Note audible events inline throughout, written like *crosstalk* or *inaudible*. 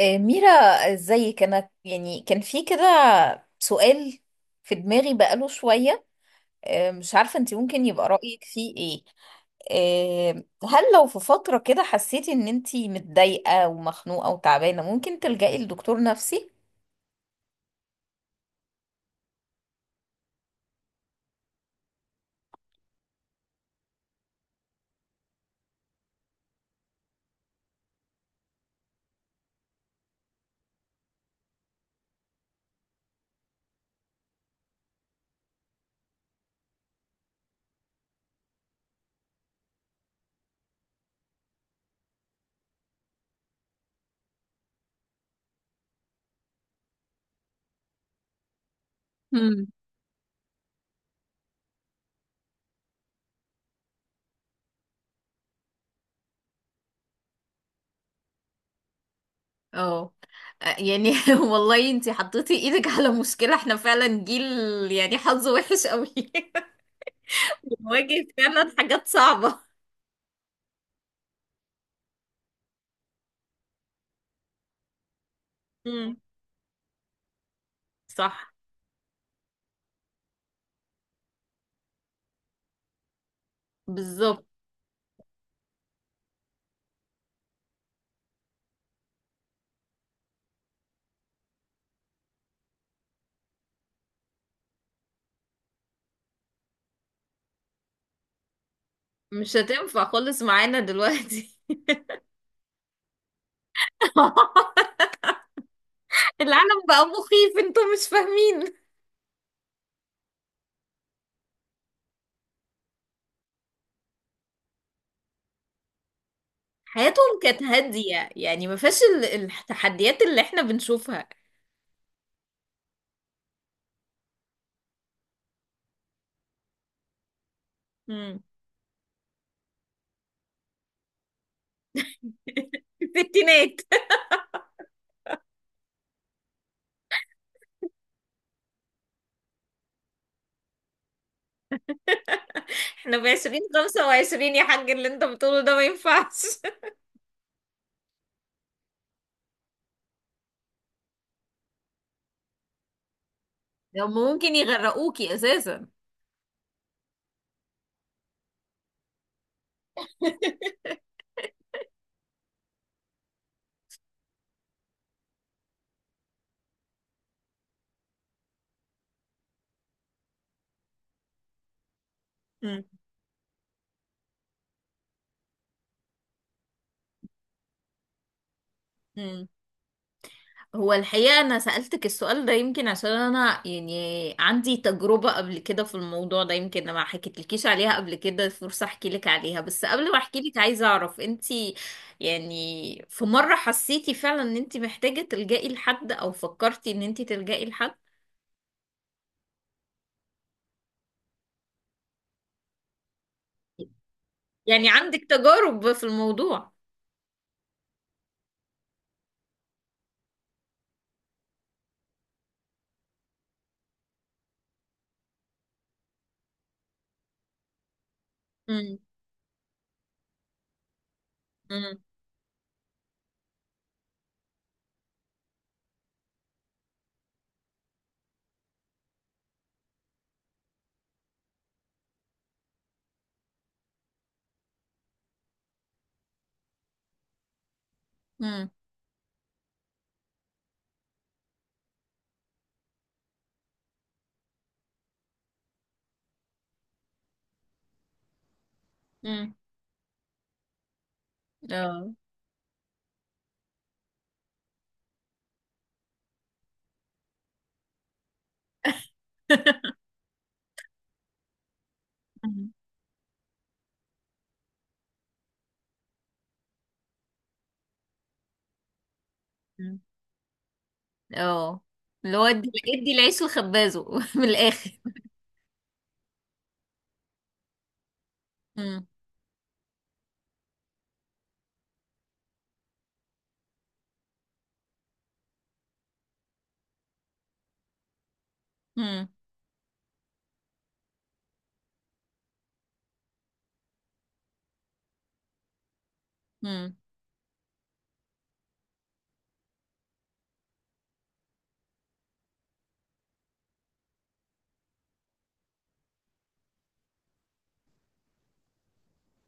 آه، ميرا، ازيك؟ انا يعني كان في كده سؤال في دماغي بقاله شوية. آه، مش عارفة انت ممكن يبقى رأيك فيه ايه. آه، هل لو في فترة كده حسيتي ان انت متضايقة ومخنوقة وتعبانة ممكن تلجئي لدكتور نفسي؟ اه. يعني *laughs* والله انتي حطيتي ايدك على مشكلة. احنا فعلا جيل يعني حظه وحش قوي. *laughs* بنواجه فعلا حاجات صعبة. امم. صح. بالظبط. مش هتنفع خالص معانا دلوقتي. *laughs* العالم بقى مخيف، انتوا مش فاهمين. حياتهم كانت هادية يعني ما فيهاش التحديات اللي احنا بنشوفها. مم. *laughs* الستينات. احنا في 2025 يا حاج، اللي انت بتقوله ده ما ينفعش. *laughs* لو ممكن يغرقوكي اساسا. مم. مم. هو الحقيقة أنا سألتك السؤال ده يمكن عشان أنا يعني عندي تجربة قبل كده في الموضوع ده، يمكن أنا ما حكيتلكيش عليها قبل كده فرصة أحكي لك عليها. بس قبل ما أحكي لك عايزة أعرف أنت يعني في مرة حسيتي فعلا ان انت محتاجة تلجئي لحد او فكرتي ان انت تلجئي لحد؟ يعني عندك تجارب في الموضوع. امم. امم. امم. امم. اه. *laughs* مم. مم. اه، اللي هو ادي، ادي العيش لخبازه *laughs* من الاخر. امم. امم. إمم.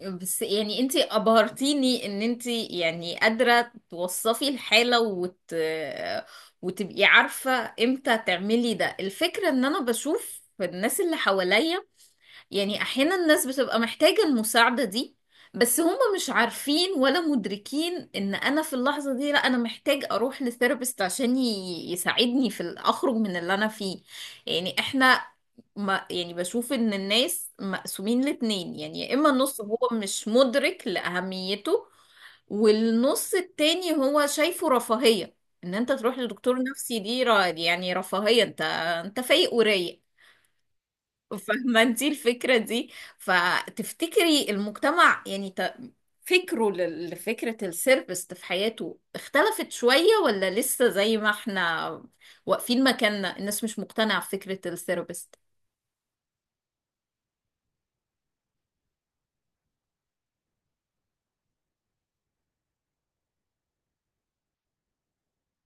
بس يعني انتي ابهرتيني ان انتي يعني قادرة توصفي الحالة وتبقي عارفة امتى تعملي ده. الفكرة ان انا بشوف الناس اللي حواليا يعني احيانا الناس بتبقى محتاجة المساعدة دي، بس هم مش عارفين ولا مدركين ان انا في اللحظة دي، لا انا محتاج اروح لثيرابيست عشان يساعدني اخرج من اللي انا فيه. يعني احنا ما يعني بشوف ان الناس مقسومين لاتنين، يعني يا اما النص هو مش مدرك لأهميته والنص التاني هو شايفه رفاهية. ان انت تروح لدكتور نفسي دي يعني رفاهية، انت انت فايق ورايق، فاهمة انتي الفكرة دي؟ فتفتكري المجتمع فكره لفكرة السيرفيس في حياته اختلفت شوية ولا لسه زي ما احنا واقفين مكاننا الناس مش مقتنعة بفكرة السيرفيس؟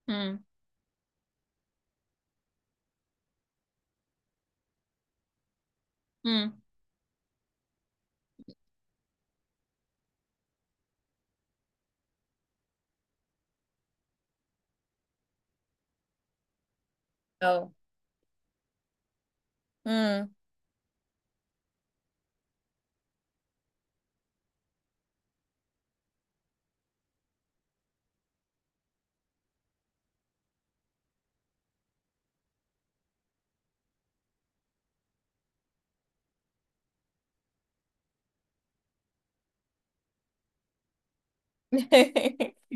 امم. امم. اه. امم. *laughs*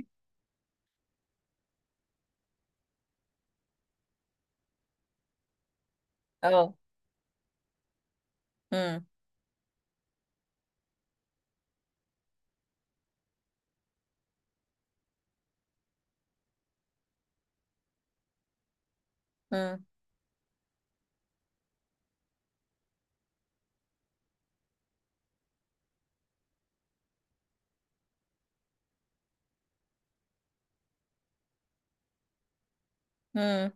اه. امم. امم.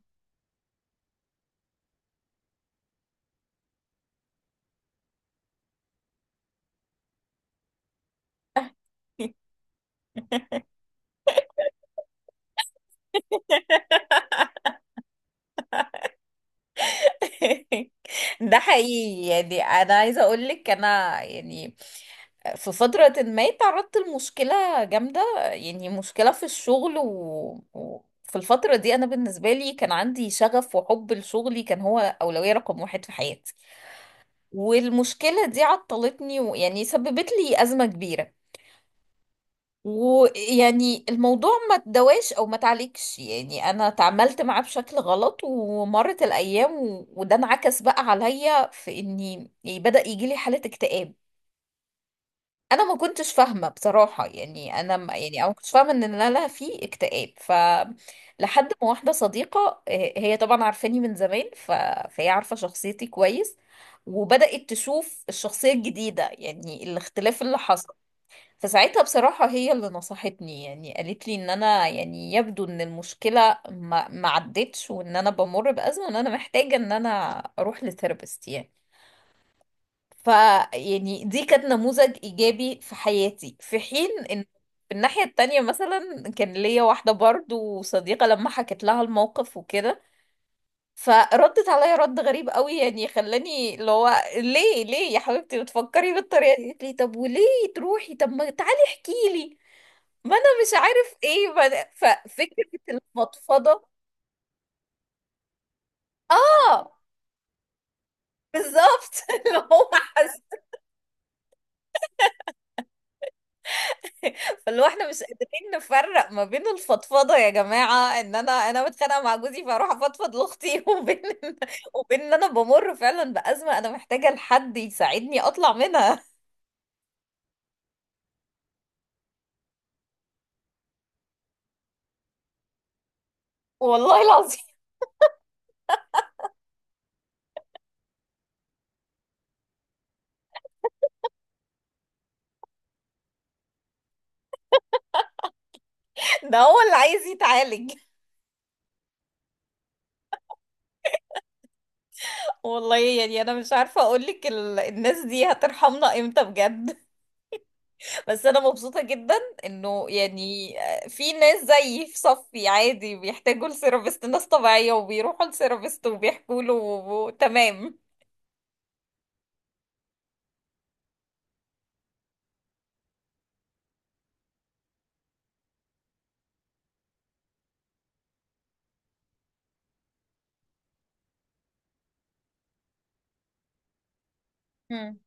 *laughs* *laughs* ده حقيقي. يعني انا عايزه اقول لك، انا يعني في فتره ما تعرضت لمشكله جامده. يعني مشكله في الشغل في الفتره دي انا بالنسبه لي كان عندي شغف وحب لشغلي، كان هو اولويه رقم واحد في حياتي. والمشكله دي عطلتني ويعني سببت لي ازمه كبيره. ويعني الموضوع ما تدواش او ما تعليكش، يعني انا تعاملت معاه بشكل غلط ومرت الايام وده انعكس بقى عليا في اني يعني بدأ يجي لي حالة اكتئاب. انا ما كنتش فاهمة بصراحة، يعني انا ما كنتش فاهمة ان انا لا في اكتئاب. ف لحد ما واحدة صديقة، آه، هي طبعا عارفاني من زمان فهي عارفة شخصيتي كويس وبدأت تشوف الشخصية الجديدة يعني الاختلاف اللي حصل. فساعتها بصراحة هي اللي نصحتني، يعني قالت لي ان انا يعني يبدو ان المشكلة ما عدتش وان انا بمر بأزمة وان انا محتاجة ان انا اروح لثيرابيست يعني. ف يعني دي كانت نموذج ايجابي في حياتي، في حين ان في الناحية التانية مثلا كان ليا واحدة برضو صديقة، لما حكت لها الموقف وكده فردت عليا رد غريب قوي يعني خلاني اللي هو ليه يا حبيبتي بتفكري بالطريقة دي؟ قالت لي طب وليه تروحي؟ طب ما تعالي احكي لي، ما انا مش عارف ايه ففكره المفضفضه. اه بالظبط. *laughs* اللي هو حس. فاللي هو احنا مش قادرين نفرق ما بين الفضفضه، يا جماعه، ان انا متخانقه مع جوزي فاروح افضفض لاختي *laughs* وبين ان انا بمر فعلا بازمه، انا محتاجه لحد يساعدني اطلع منها. والله العظيم. *laughs* ده هو اللي عايز يتعالج. *laughs* والله يعني انا مش عارفه اقول لك الناس دي هترحمنا امتى بجد. بس انا مبسوطة جدا انه يعني في ناس زيي في صفي عادي بيحتاجوا لسيرابيست، ناس طبيعية وبيروحوا لسيرابيست وبيحكوا له تمام. مم.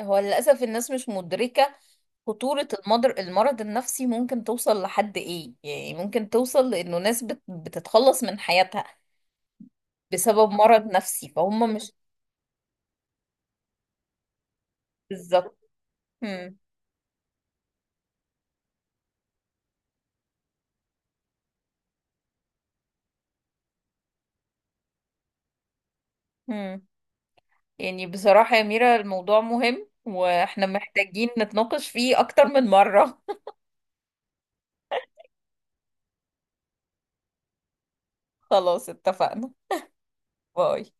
هو للأسف الناس مش مدركة خطورة المضر المرض النفسي ممكن توصل لحد إيه، يعني ممكن توصل لأنه ناس بتتخلص من حياتها بسبب مرض نفسي فهم مش. بالظبط. هم. هم. يعني بصراحة يا ميرا الموضوع مهم وإحنا محتاجين نتناقش فيه أكتر من مرة. خلاص اتفقنا. باي.